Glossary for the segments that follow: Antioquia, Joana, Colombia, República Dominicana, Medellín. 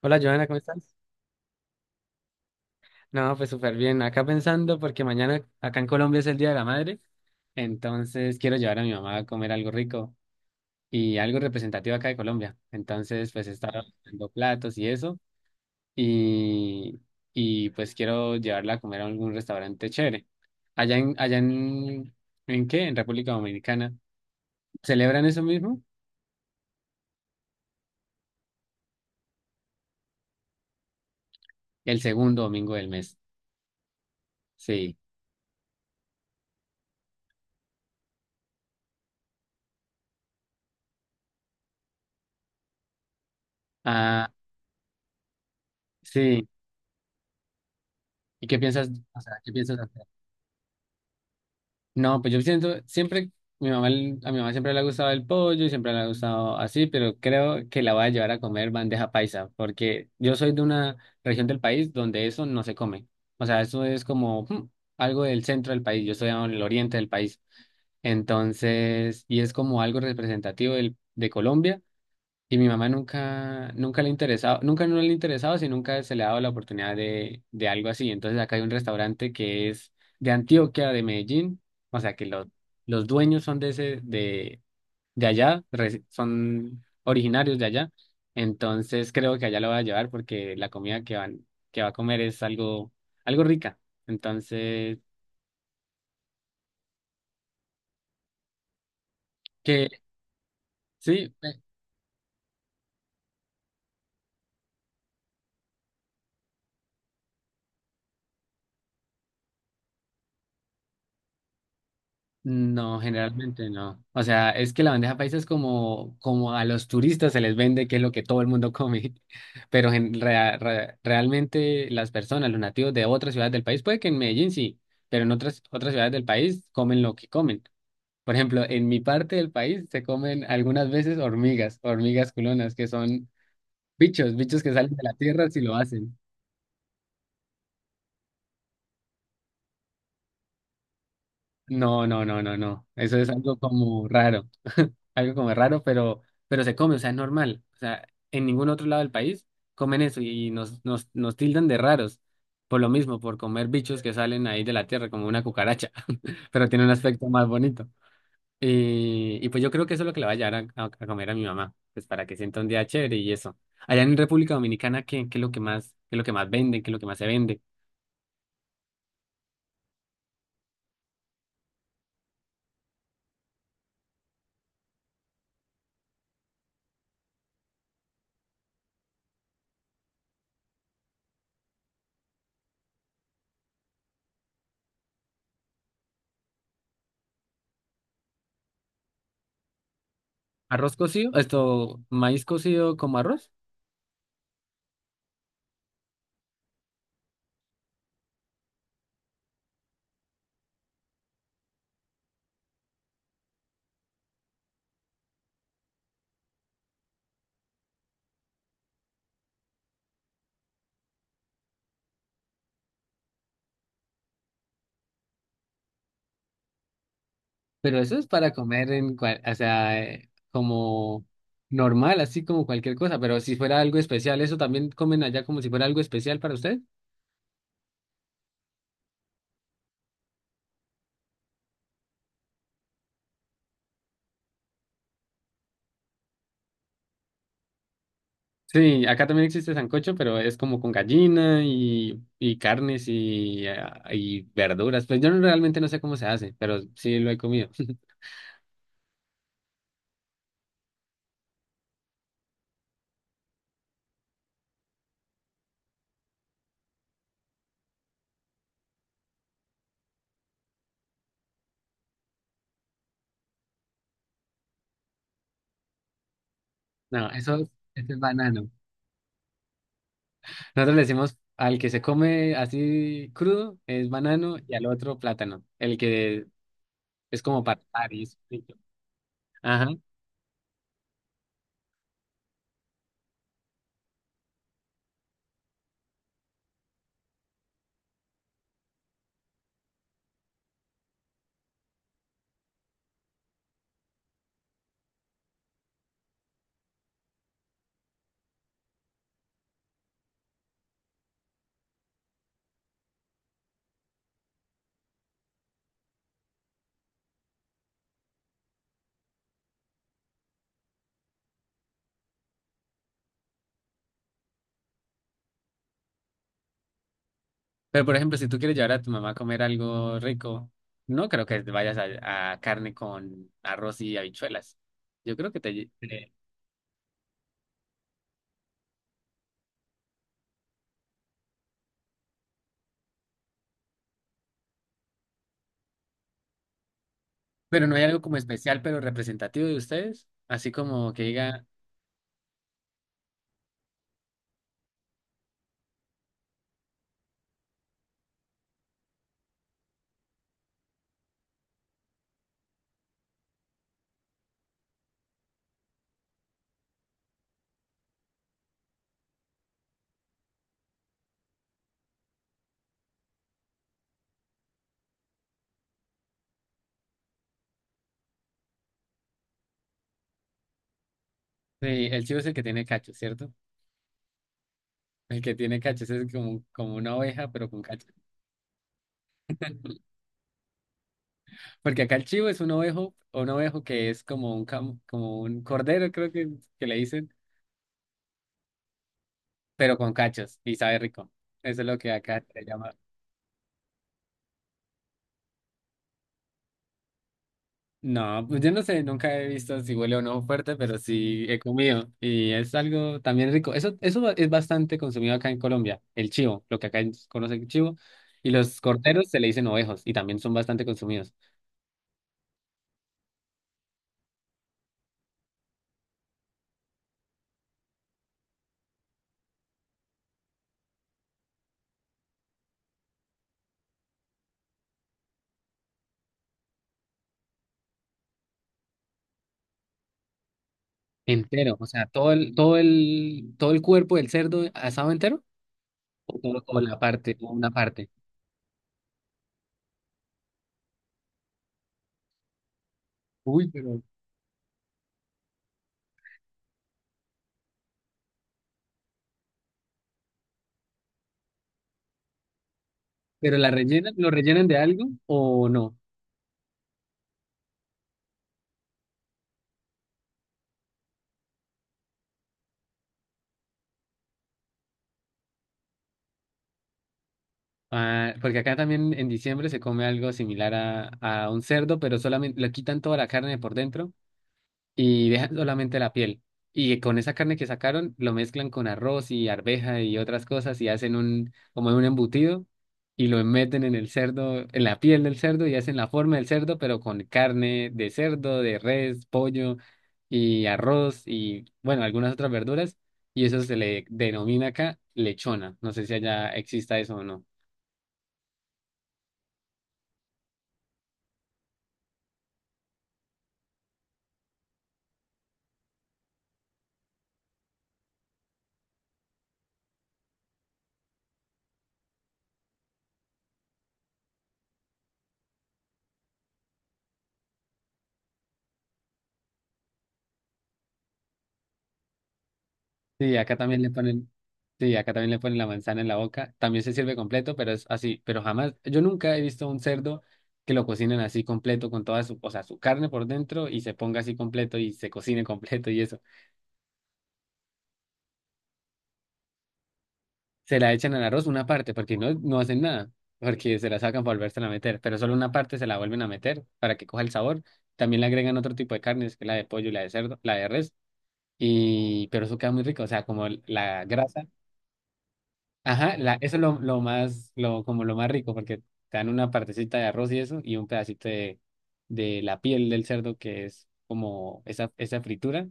Hola Joana, ¿cómo estás? No, pues súper bien. Acá pensando porque mañana acá en Colombia es el Día de la Madre, entonces quiero llevar a mi mamá a comer algo rico y algo representativo acá de Colombia. Entonces, pues he estado haciendo platos y eso y, y pues quiero llevarla a comer a algún restaurante chévere. Allá en, ¿en qué? En República Dominicana. ¿Celebran eso mismo? El segundo domingo del mes. Sí. Ah, sí. ¿Y qué piensas? O sea, ¿qué piensas hacer? No, pues yo siento, siempre, mi mamá, a mi mamá siempre le ha gustado el pollo y siempre le ha gustado así, pero creo que la voy a llevar a comer bandeja paisa, porque yo soy de una región del país donde eso no se come. O sea, eso es como algo del centro del país, yo estoy en el oriente del país. Entonces, y es como algo representativo de Colombia. Y mi mamá nunca le interesaba, nunca no le interesaba, si nunca se le ha dado la oportunidad de algo así. Entonces acá hay un restaurante que es de Antioquia, de Medellín, o sea que los dueños son de ese, de allá, son originarios de allá. Entonces creo que allá lo va a llevar porque la comida que van, que va a comer es algo, algo rica. Entonces, que sí. No, generalmente no. O sea, es que la bandeja paisa es como, como a los turistas se les vende, que es lo que todo el mundo come. Pero en realmente las personas, los nativos de otras ciudades del país, puede que en Medellín sí, pero en otras, otras ciudades del país comen lo que comen. Por ejemplo, en mi parte del país se comen algunas veces hormigas, hormigas culonas, que son bichos, bichos que salen de la tierra si lo hacen. No, no, no, no, no. Eso es algo como raro. Algo como raro, pero se come, o sea, es normal. O sea, en ningún otro lado del país comen eso y nos tildan de raros. Por lo mismo, por comer bichos que salen ahí de la tierra, como una cucaracha, pero tiene un aspecto más bonito. Y pues yo creo que eso es lo que le voy a llevar a, a comer a mi mamá, pues para que sienta un día chévere y eso. Allá en República Dominicana, ¿qué, qué es lo que más, qué es lo que más venden, qué es lo que más se vende? ¿Arroz cocido? ¿Esto, maíz cocido como arroz? Pero eso es para comer en cual, o sea, como normal, así como cualquier cosa. Pero si fuera algo especial, ¿eso también comen allá como si fuera algo especial para ustedes? Sí, acá también existe sancocho, pero es como con gallina y carnes y, ah, y verduras. Pues yo realmente no sé cómo se hace, pero sí lo he comido. No, eso es banano. Nosotros le decimos al que se come así crudo es banano y al otro plátano, el que es como para y es. Pero, por ejemplo, si tú quieres llevar a tu mamá a comer algo rico, no creo que te vayas a carne con arroz y habichuelas. Yo creo que te... lle- Sí. Pero no hay algo como especial, pero representativo de ustedes. Así como que diga, sí, el chivo es el que tiene cachos, ¿cierto? El que tiene cachos es como, como una oveja, pero con cachos. Porque acá el chivo es un ovejo que es como un, como un cordero, creo que le dicen, pero con cachos y sabe rico. Eso es lo que acá se llama. No, pues yo no sé, nunca he visto si huele o no fuerte, pero sí he comido y es algo también rico. Eso es bastante consumido acá en Colombia, el chivo, lo que acá conocen chivo, y los corderos se le dicen ovejos y también son bastante consumidos. Entero, o sea, todo el cuerpo del cerdo asado entero o solo como la parte, o una parte. Uy, pero la rellenan, lo rellenan de algo o no. Ah, porque acá también en diciembre se come algo similar a un cerdo, pero solamente le quitan toda la carne por dentro y dejan solamente la piel. Y con esa carne que sacaron, lo mezclan con arroz y arveja y otras cosas y hacen un, como un embutido y lo meten en el cerdo, en la piel del cerdo y hacen la forma del cerdo, pero con carne de cerdo, de res, pollo y arroz y, bueno, algunas otras verduras. Y eso se le denomina acá lechona. No sé si allá exista eso o no. Sí, acá también le ponen, sí, acá también le ponen la manzana en la boca. También se sirve completo, pero es así. Pero jamás, yo nunca he visto un cerdo que lo cocinen así completo con toda su, o sea, su carne por dentro y se ponga así completo y se cocine completo y eso. Se la echan al arroz una parte porque no, no hacen nada, porque se la sacan para volvérsela a meter, pero solo una parte se la vuelven a meter para que coja el sabor. También le agregan otro tipo de carnes, que es la de pollo, y la de cerdo, la de res, y pero eso queda muy rico, o sea, como la grasa. Ajá, la, eso es lo más, lo, como lo más rico, porque te dan una partecita de arroz y eso, y un pedacito de la piel del cerdo, que es como esa fritura,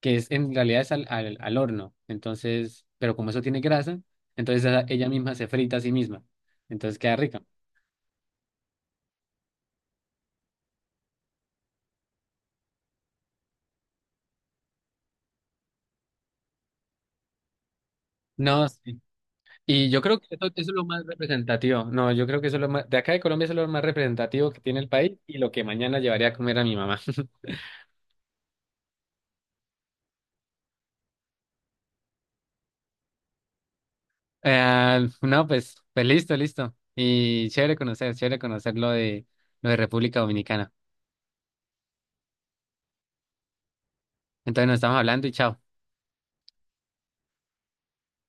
que es en realidad es al, al horno. Entonces, pero como eso tiene grasa, entonces ella misma se frita a sí misma. Entonces queda rica. No, sí. Y yo creo que eso es lo más representativo. No, yo creo que eso es lo más, de acá de Colombia, eso es lo más representativo que tiene el país y lo que mañana llevaría a comer a mi mamá. No, pues, pues listo, listo. Y chévere conocer lo de República Dominicana. Entonces nos estamos hablando y chao.